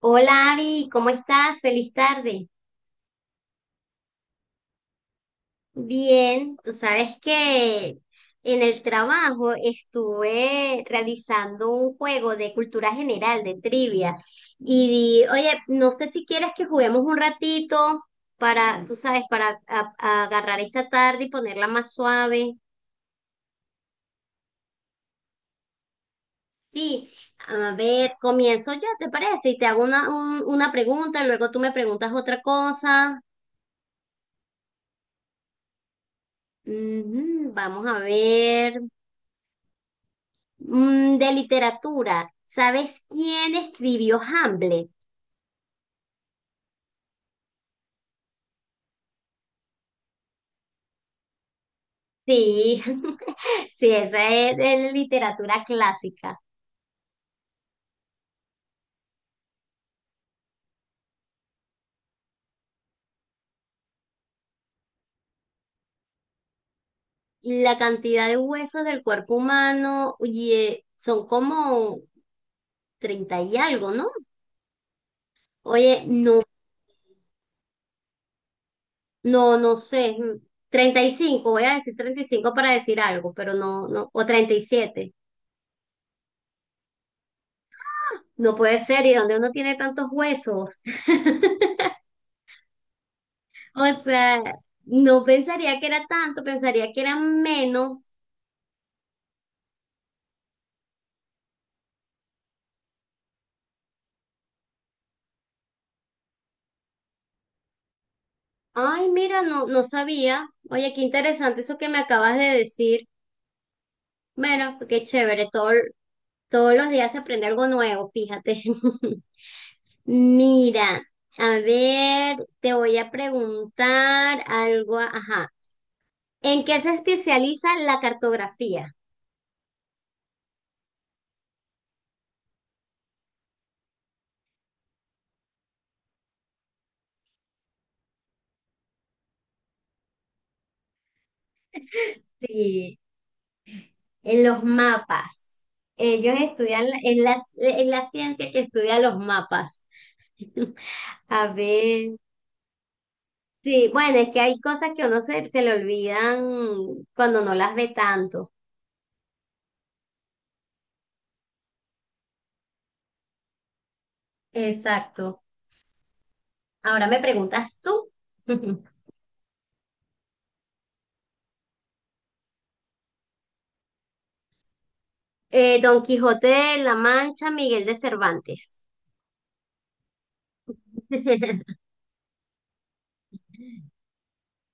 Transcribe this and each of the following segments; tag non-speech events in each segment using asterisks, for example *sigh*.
Hola Abby, ¿cómo estás? Feliz tarde. Bien, tú sabes que en el trabajo estuve realizando un juego de cultura general, de trivia, y oye, no sé si quieres que juguemos un ratito para, tú sabes, para a agarrar esta tarde y ponerla más suave. Sí, a ver, comienzo yo, ¿te parece? Y te hago una, una pregunta, luego tú me preguntas otra cosa. Ujú, vamos a ver. De literatura, ¿sabes quién escribió Hamlet? Sí, *laughs* sí, esa es de literatura clásica. La cantidad de huesos del cuerpo humano, oye, son como 30 y algo, ¿no? Oye, no, no, no sé, 35, voy a decir 35 para decir algo, pero no, no, o 37. Ah, no puede ser, ¿y dónde uno tiene tantos huesos? *laughs* O sea, no pensaría que era tanto, pensaría que era menos. Ay, mira, no, no sabía. Oye, qué interesante eso que me acabas de decir. Bueno, qué chévere, todos los días se aprende algo nuevo, fíjate. *laughs* Mira, a ver, te voy a preguntar algo, ajá. ¿En qué se especializa la cartografía? Sí, en los mapas. Ellos estudian, es la ciencia que estudia los mapas. *laughs* A ver, sí, bueno, es que hay cosas que a uno se le olvidan cuando no las ve tanto. Exacto. Ahora me preguntas tú. *laughs* Don Quijote de la Mancha, Miguel de Cervantes. *laughs*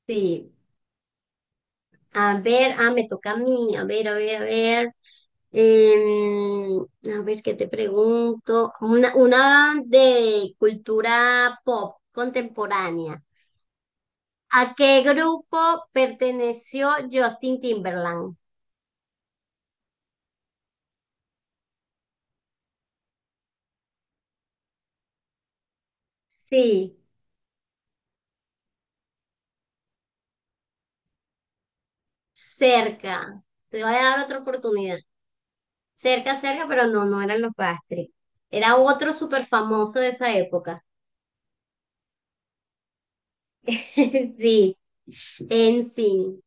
Sí. A ver, me toca a mí. A ver, a ver, a ver. Em, a ver, ¿qué te pregunto? Una de cultura pop contemporánea. ¿A qué grupo perteneció Justin Timberland? Sí, cerca. Te voy a dar otra oportunidad. Cerca, cerca, pero no, no eran los Backstreet. Era otro súper famoso de esa época. *laughs* Sí, en sí.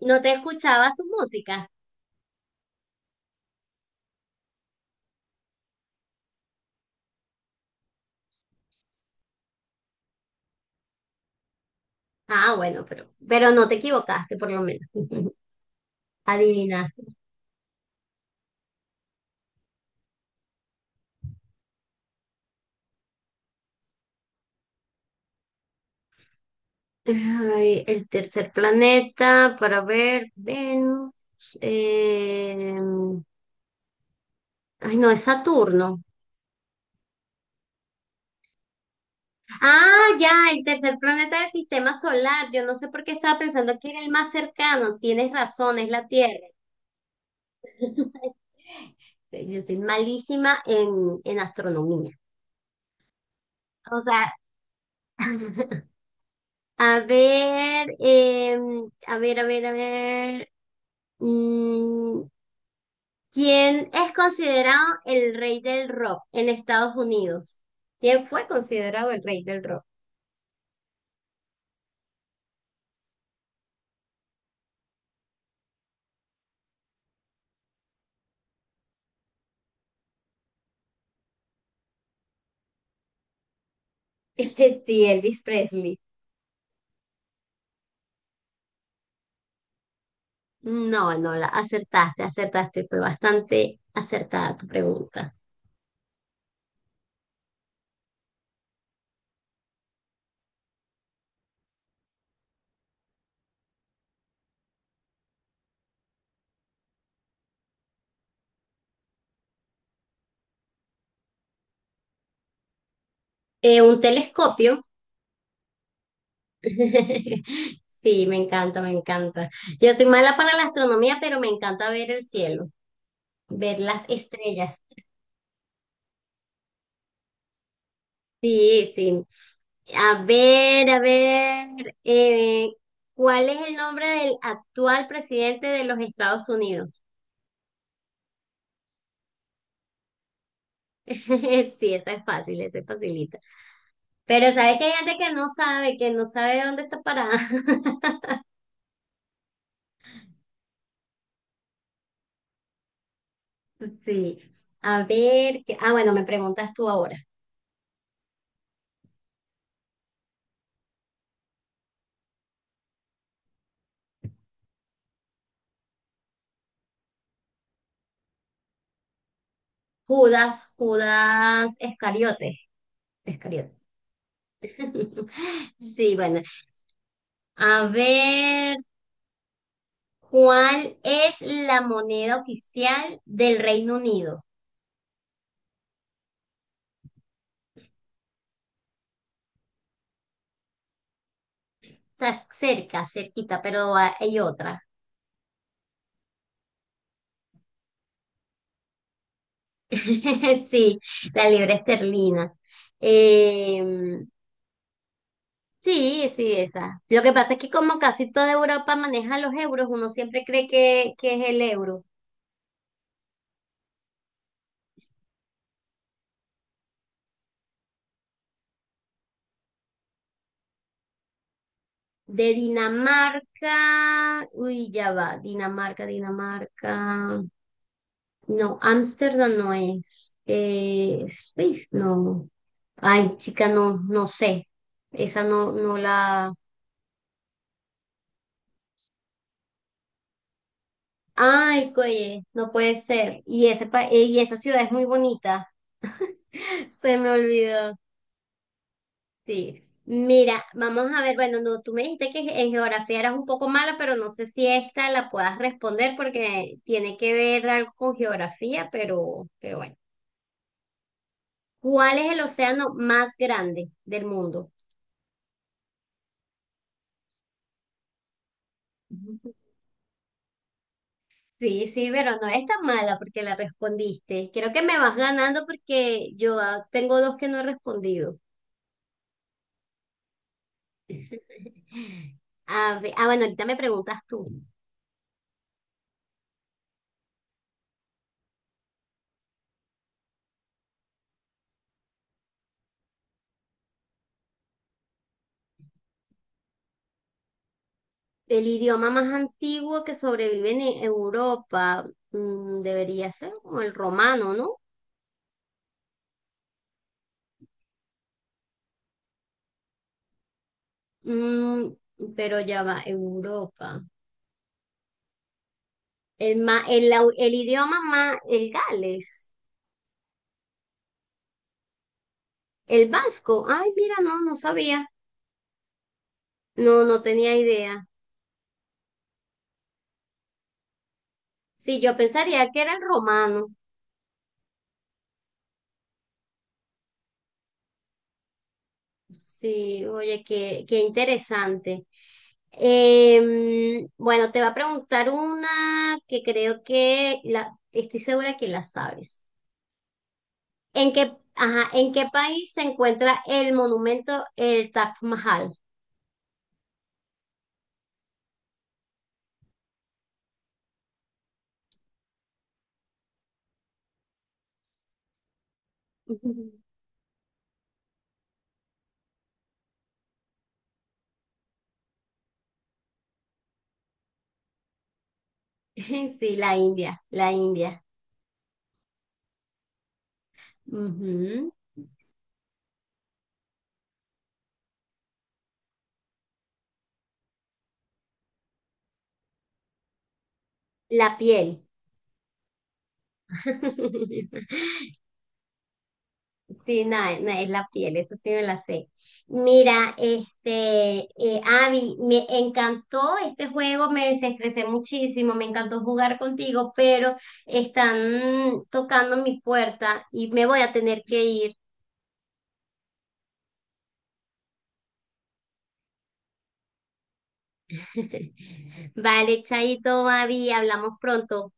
¿No te escuchaba su música? Ah, bueno, pero no te equivocaste, por lo menos. *laughs* Adivinaste. Ay, el tercer planeta, para ver, Venus. eh, Ay, no, es Saturno. Ah, ya, el tercer planeta del sistema solar. Yo no sé por qué estaba pensando que era el más cercano. Tienes razón, es la Tierra. *laughs* Yo soy malísima en astronomía. O sea, *laughs* a ver, a ver, a ver, a ver. Mm, ¿Quién es considerado el rey del rock en Estados Unidos? ¿Quién fue considerado el rey del rock? *laughs* Sí, Elvis Presley. No, no, la acertaste, acertaste, fue bastante acertada tu pregunta. Un telescopio. *laughs* Sí, me encanta, me encanta. Yo soy mala para la astronomía, pero me encanta ver el cielo, ver las estrellas. Sí, sí. A ver, eh, ¿cuál es el nombre del actual presidente de los Estados Unidos? *laughs* Sí, esa es fácil, esa es facilita. Pero sabes que hay gente que no sabe dónde está parada. Sí. A ver, bueno, me preguntas tú ahora. Judas, Judas Escariote. Escariote. *laughs* Sí, bueno. A ver, ¿cuál es la moneda oficial del Reino Unido? Está cerca, cerquita, pero hay otra. *laughs* Sí, la libra esterlina. Eh, sí, sí, esa. Lo que pasa es que como casi toda Europa maneja los euros, uno siempre cree que es el euro. De Dinamarca, uy, ya va, Dinamarca, Dinamarca. No, Ámsterdam no es. Suiza, no. Ay, chica, no, no sé. Esa no, no la. Ay, coye, no puede ser. Y esa ciudad es muy bonita. *laughs* Se me olvidó. Sí, mira, vamos a ver, bueno, no, tú me dijiste que en geografía eras un poco mala, pero no sé si esta la puedas responder porque tiene que ver algo con geografía, pero bueno. ¿Cuál es el océano más grande del mundo? *laughs* Sí, sí, pero no es tan mala porque la respondiste. Creo que me vas ganando porque yo tengo dos que no he respondido. *laughs* A ver, bueno, ahorita me preguntas tú. El idioma más antiguo que sobrevive en Europa debería ser como el romano, ¿no? Mm, pero ya va, Europa. El idioma más, el Gales, el vasco. Ay, mira, no, no sabía. No, no tenía idea. Sí, yo pensaría que era el romano. Sí, oye, qué interesante. Bueno, te va a preguntar una que creo que estoy segura que la sabes. ¿En qué, ajá, en qué país se encuentra el monumento el Taj Mahal? Ujú. *laughs* Sí, la India, la India. Ujú. La piel. *laughs* Sí, no, no, es la piel, eso sí me la sé. Mira, este, Abby, me encantó este juego, me desestresé muchísimo, me encantó jugar contigo, pero están tocando mi puerta y me voy a tener que ir. *laughs* Vale, Chaito, Mavi, hablamos pronto.